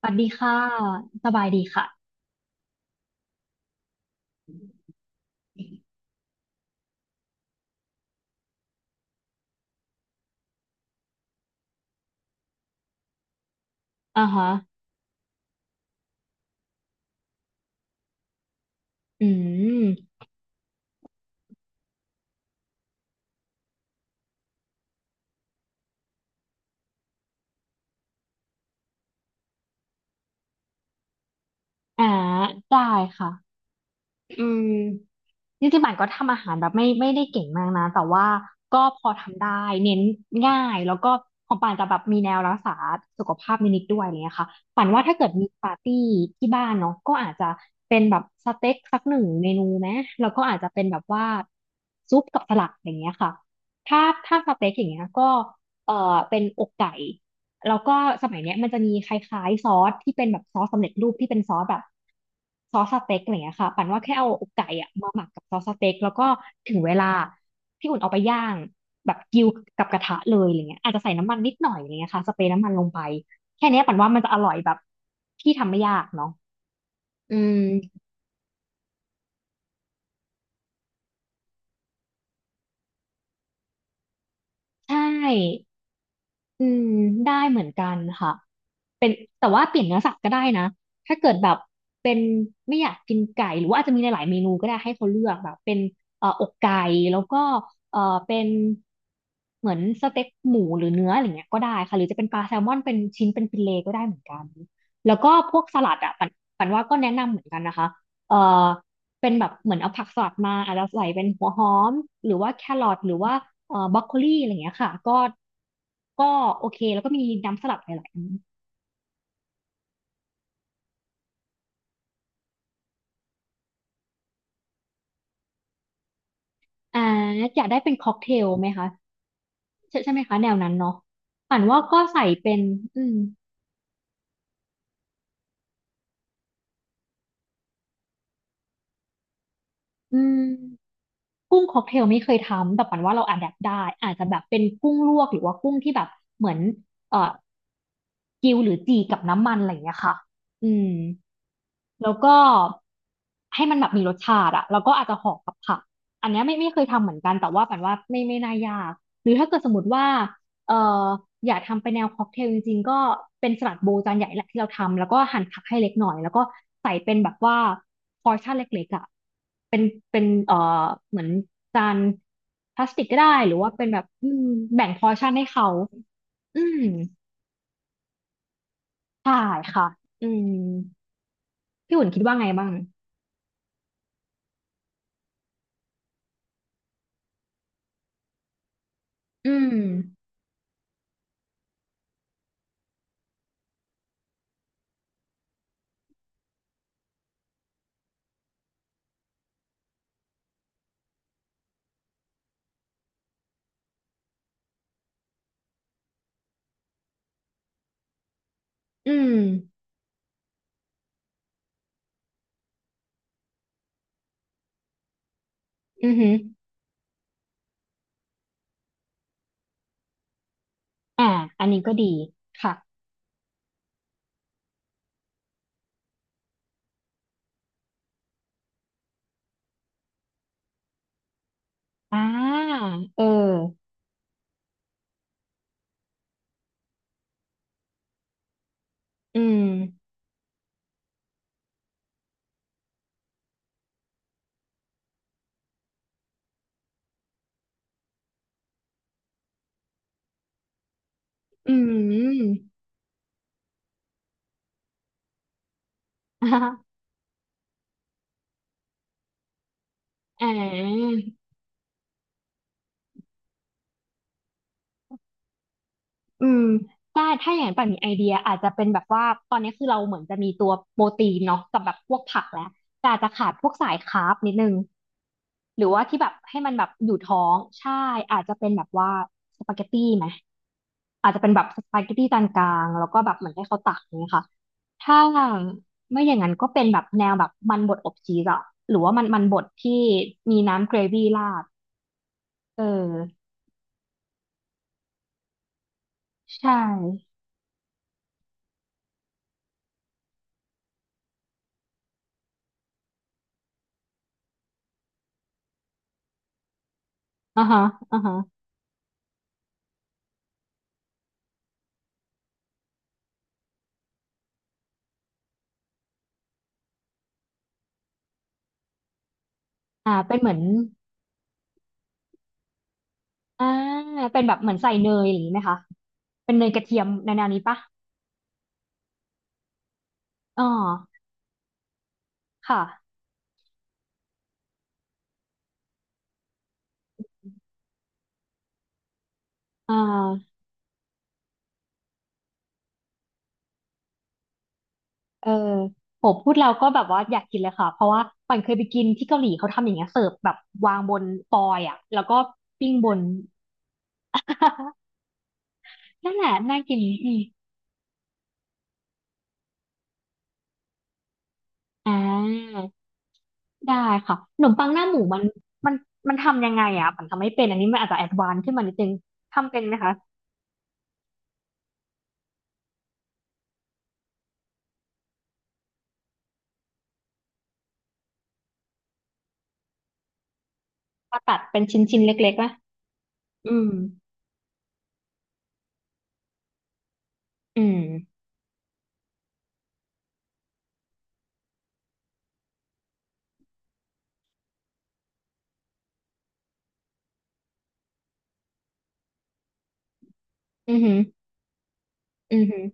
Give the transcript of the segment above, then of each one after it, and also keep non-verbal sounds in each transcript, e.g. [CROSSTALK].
สวัสดีค่ะสบายดีค่ะอ่าฮะอืมอ่าได้ค่ะอืมจริงๆป่านก็ทำอาหารแบบไม่ได้เก่งมากนะแต่ว่าก็พอทำได้เน้นง่ายแล้วก็ของป่านจะแบบมีแนวรักษาสุขภาพนิดๆด้วยอะไรเงี้ยค่ะป่านว่าถ้าเกิดมีปาร์ตี้ที่บ้านเนาะก็อาจจะเป็นแบบสเต็กสักหนึ่งเมนูไหมแล้วก็อาจจะเป็นแบบว่าซุปกับสลัดอย่างเงี้ยค่ะถ้าถ้าสเต็กอย่างเงี้ยก็เอ่อเป็นอกไก่ แล้วก็สมัยเนี้ยมันจะมีคล้ายๆซอสที่เป็นแบบซอสสำเร็จรูปที่เป็นซอสแบบซอสสเต็กอะไรเงี้ยค่ะปั่นว่าแค่เอาอกไก่อะมาหมักกับซอสสเต็กแล้วก็ถึงเวลาพี่อุ่นเอาไปย่างแบบกิวกับกระทะเลยอะไรเงี้ยอาจจะใส่น้ำมันนิดหน่อยอะไรเงี้ยค่ะสเปรย์น้ำมันลงไปแค่เนี้ยปั่นว่ามันจะอร่อยแบบที่ทำไม่ยากเนาะอืมใช่อืมได้เหมือนกันค่ะ เป็นแต่ว่าเปลี่ยนเนื้อสัตว์ก็ได้นะถ้าเกิดแบบเป็นไม่อยากกินไก่หรือว่าอาจจะมีหลายๆเมนูก็ได้ให้เขาเลือกแบบเป็นเอ่ออกไก่แล้วก็เอ่อเป็นเหมือนสเต็กหมูหรือเนื้ออะไรเงี้ยก็ได้ค่ะหรือจะเป็นปลาแซลมอนเป็นชิ้นเป็นฟิเลต์ก็ได้เหมือนกันแล้วก็พวกสลัดอ่ะปันว่าก็แนะนำเหมือนกันนะคะเอ่อเป็นแบบเหมือนเอาผักสลัดมาอาจจะใส่เป็นหัวหอมหรือว่าแครอทหรือว่าบรอกโคลีอะไรเงี้ยค่ะก็โอเคแล้วก็มีน้ำสลัดหลายๆ อ่าอยากได้เป็นค็อกเทลไหมคะใช่ใช่ไหมคะแนวนั้นเนาะป่านว่าก็ใส่เป็นอืมอืม กุ้งค็อกเทลไม่เคยทำแต่ปันว่าเราอะแดปได้อาจจะแบบเป็นกุ้งลวกหรือว่ากุ้งที่แบบเหมือนเอ่อกิวหรือจีกับน้ำมันอะไรอย่างเงี้ยค่ะอืมแล้วก็ให้มันแบบมีรสชาติอะแล้วก็อาจจะห่อกับผักอันเนี้ยไม่เคยทำเหมือนกันแต่ว่าปันว่าไม่น่ายากหรือถ้าเกิดสมมติว่าเอ่ออยากทำไปแนวค็อกเทลจริงๆก็เป็นสลัดโบว์จานใหญ่แหละที่เราทำแล้วก็หั่นผักให้เล็กหน่อยแล้วก็ใส่เป็นแบบว่าพอร์ชั่นเล็กๆอะ เป็นเป็นเหมือนจานพลาสติกก็ได้หรือว่าเป็นแบบอืมแบ่งพอร์ชั่นให้เขาอืมใช่ค่ะอืมพี่อุ่นคิดว่าไงบ้างอืมอืมอือหืออ่าอันนี้ก็ดีค่ะอ่าเอออืมอืม [LAUGHS] อ่าอ่าอืมได้ถ้าอย่างนั้นป่านมีไอเดียอาจจะเป็นแบบว่าตอนนี้คือเราเหมือนจะมีตัวโปรตีนเนาะกับแบบพวกผักแล้วแต่อาจจะขาดพวกสายคาร์บนิดนึง หรือว่าที่แบบให้มันแบบอยู่ท้องใช่อาจจะเป็นแบบว่าสปาเกตตี้ไหมอาจจะเป็นแบบสปาเกตตี้จานกลางแล้วก็แบบเหมือนให้เขาตักอย่างเงี้ยค่ะถ้าไม่อย่างนั้นก็เป็นแบบแนวแบบมันบดอบชีสอะหรือว่ามันบดที่มีน้ำเกรวี่ราดเออใช่อ่าฮะอ่าฮะอ่าเป็นเหมือนอ่าเป็นแบบเหมือนใส่เนยอย่างนี้ไหมคะเป็นเนยกระเทียมในแนวนี้ปะอ๋อค่ะอ่า เออโหพูดเราก็แบบว่าอยากกินเลยค่ะเพราะว่าปันเคยไปกินที่เกาหลีเขาทำอย่างเงี้ยเสิร์ฟแบบวางบนฟอยล์อ่ะแล้วก็ปิ้งบน [LAUGHS] นั่นแหละน่ากินอืมอ่าได้ค่ะขนมปังหน้าหมูมันมันทำยังไงอ่ะปันทำไม่เป็นอันนี้มันอาจจะแอดวานซ์ขึ้นมานิดนึงทำเป็นไหมคะมาตัดเป็นชิ้นชิ้นเล็กๆนะอืมอืมอือหืออือหือ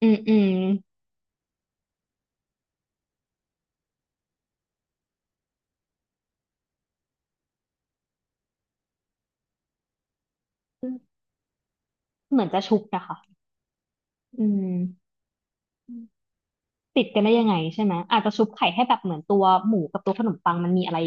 อืมอืมอืมเหมือนจะชุบนะคะอืม ติดกันได้ยังไงใช่ไหมอาจจะชุบไข่ให้แบบเหมือนตัวหมูกับตัวขนมปังมันมีอะไร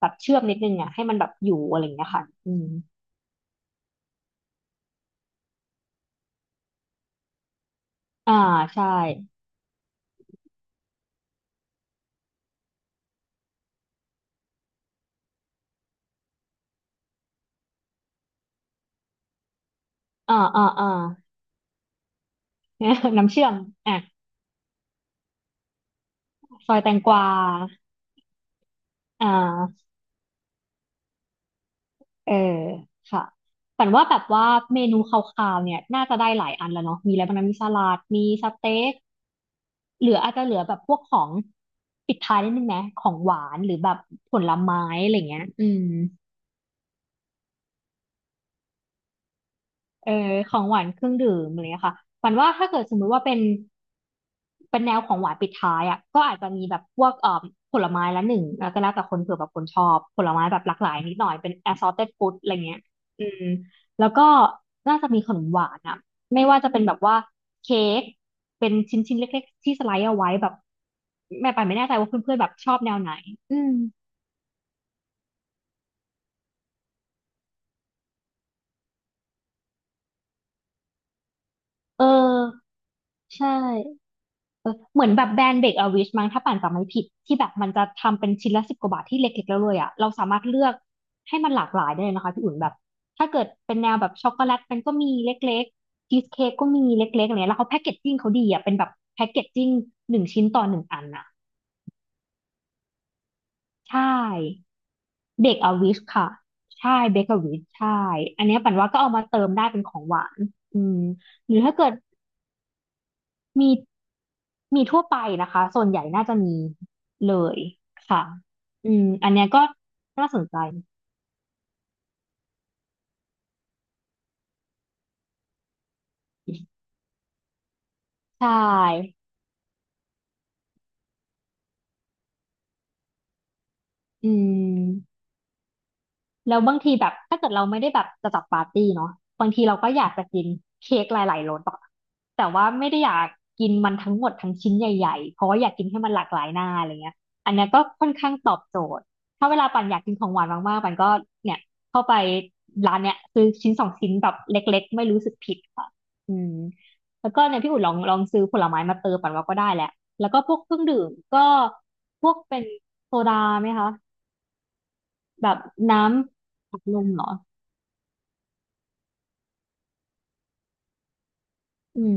แบบเชื่อมนิดนึงอ่ะให้มันแบบอยู่อะไรอย่างเงี้ยค่ะอืมอ่าใช่อ่าอ่าอ่า [LAUGHS] น้ำเชื่อมอ่ะซอยแตงกวาอ่าเออค่ะฝันว่าแบบว่าเมนูคร่าวๆเนี่ยน่าจะได้หลายอันแล้วเนาะมีอะไรบ้างนะมีสลัดมีสเต็กเหลืออาจจะเหลือแบบพวกของปิดท้ายนิดนึงไหมของหวานหรือแบบผลไม้อะไรเงี้ยอืม เออของหวานเครื่องดื่มอะไรเงี้ยค่ะหวานว่าถ้าเกิดสมมุติว่าเป็นแนวของหวานปิดท้ายอ่ะก็อาจจะมีแบบพวกผลไม้ละหนึ่งแล้วก็แล้วแต่คนเผื่อแบบคนชอบผลไม้แบบหลากหลายนิดหน่อยเป็น assorted food อะไรเงี้ยอืมแล้วก็น่าจะมีขนมหวานอ่ะไม่ว่าจะเป็นแบบว่าเค้กเป็นชิ้นชิ้นเล็กๆที่สไลด์เอาไว้แบบแม่ปานไม่แน่ใจว่าเพื่อนๆแบบชอบแนวไหนอืมเออใช่ เหมือนแบบแบรนด์เบรกอวิชมั้งถ้าป่านจำไม่ผิดที่แบบมันจะทำเป็นชิ้นละสิบกว่าบาทที่เล็กๆแล้วเลยอ่ะเราสามารถเลือกให้มันหลากหลายได้เลยนะคะพี่อุ่นแบบถ้าเกิดเป็นแนวแบบช็อกโกแลตมันก็มีเล็กๆชีสเค้กก็มีเล็กๆอะไรเงี้ยแล้วเขาแพ็กเกจจิ้งเขาดีอ่ะเป็นแบบแพ็กเกจจิ้งหนึ่งชิ้นต่อหนึ่งอันอ่ะใช่เบรกอร์วิชค่ะใช่เบเกอรวิชใช่อันเนี้ยปันว่าก็เอามาเติมได้เป็นของหวานอืมหรือถ้าเกิด มีมีทั่วไปนะคะส่วนใหญ่น่าจะมีเลยค่ะอืมอันเนี้ยก็น่าสนใจใช่อืม แล้วบางทีแบบถ้าเกิดเราไม่ได้แบบจะจัดปาร์ตี้เนาะบางทีเราก็อยากจะกินเค้กหลายๆรสอะแต่ว่าไม่ได้อยากกินมันทั้งหมดทั้งชิ้นใหญ่ๆเพราะว่าอยากกินให้มันหลากหลายหน้าอะไรเงี้ยอันเนี้ยก็ค่อนข้างตอบโจทย์ถ้าเวลาปันอยากกินของหวานมากๆปันก็เนี่ยเข้าไปร้านเนี้ยซื้อชิ้นสองชิ้นแบบเล็กๆไม่รู้สึกผิดค่ะอืมแล้วก็เนี่ยพี่อุ่นลองซื้อผลไม้มาเติมปันว่าก็ได้แหละแล้วก็พวกเครื่องดื่มก็พวกเป็นโซดาไหมคะแบบน้ำอัดลมเหรอ อืม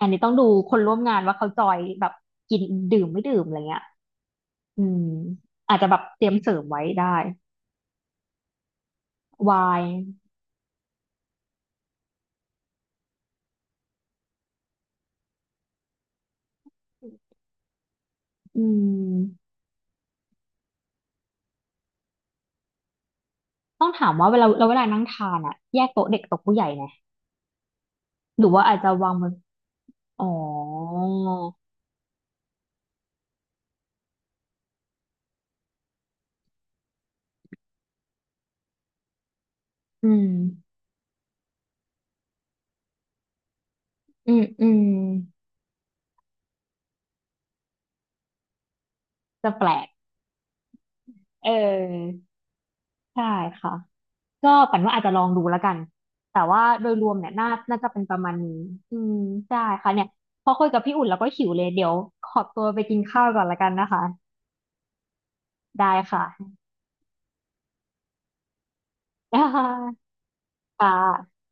อันนี้ต้องดูคนร่วมงานว่าเขาจอยแบบกินดื่มไม่ดื่มอะไรเงี้ยอืมอาจจะแบบเตรียมเสริมไว้ได้วายอืมต้องถามว่าเวลาเราเวลานั่งทานอะแยกโต๊ะเด็กโต๊ะผู้ใหญ่ไหมหรือว่าอาจจะวางบนอ๋อ อืม อืม อืม จะแปลก เออ ใช่ค่ะ ก็ปั่นว่าอาจจะลองดูแล้วกัน แต่ว่าโดยรวมเนี่ยน่าจะเป็นประมาณนี้อืมได้ค่ะเนี่ยพอคุยกับพี่อุ่นแล้วก็หิวเลยเดี๋ยวขอตัวไปกินข้าวก่อนแล้วกันนะคะได้ค่ะ [LAUGHS] ค่ะ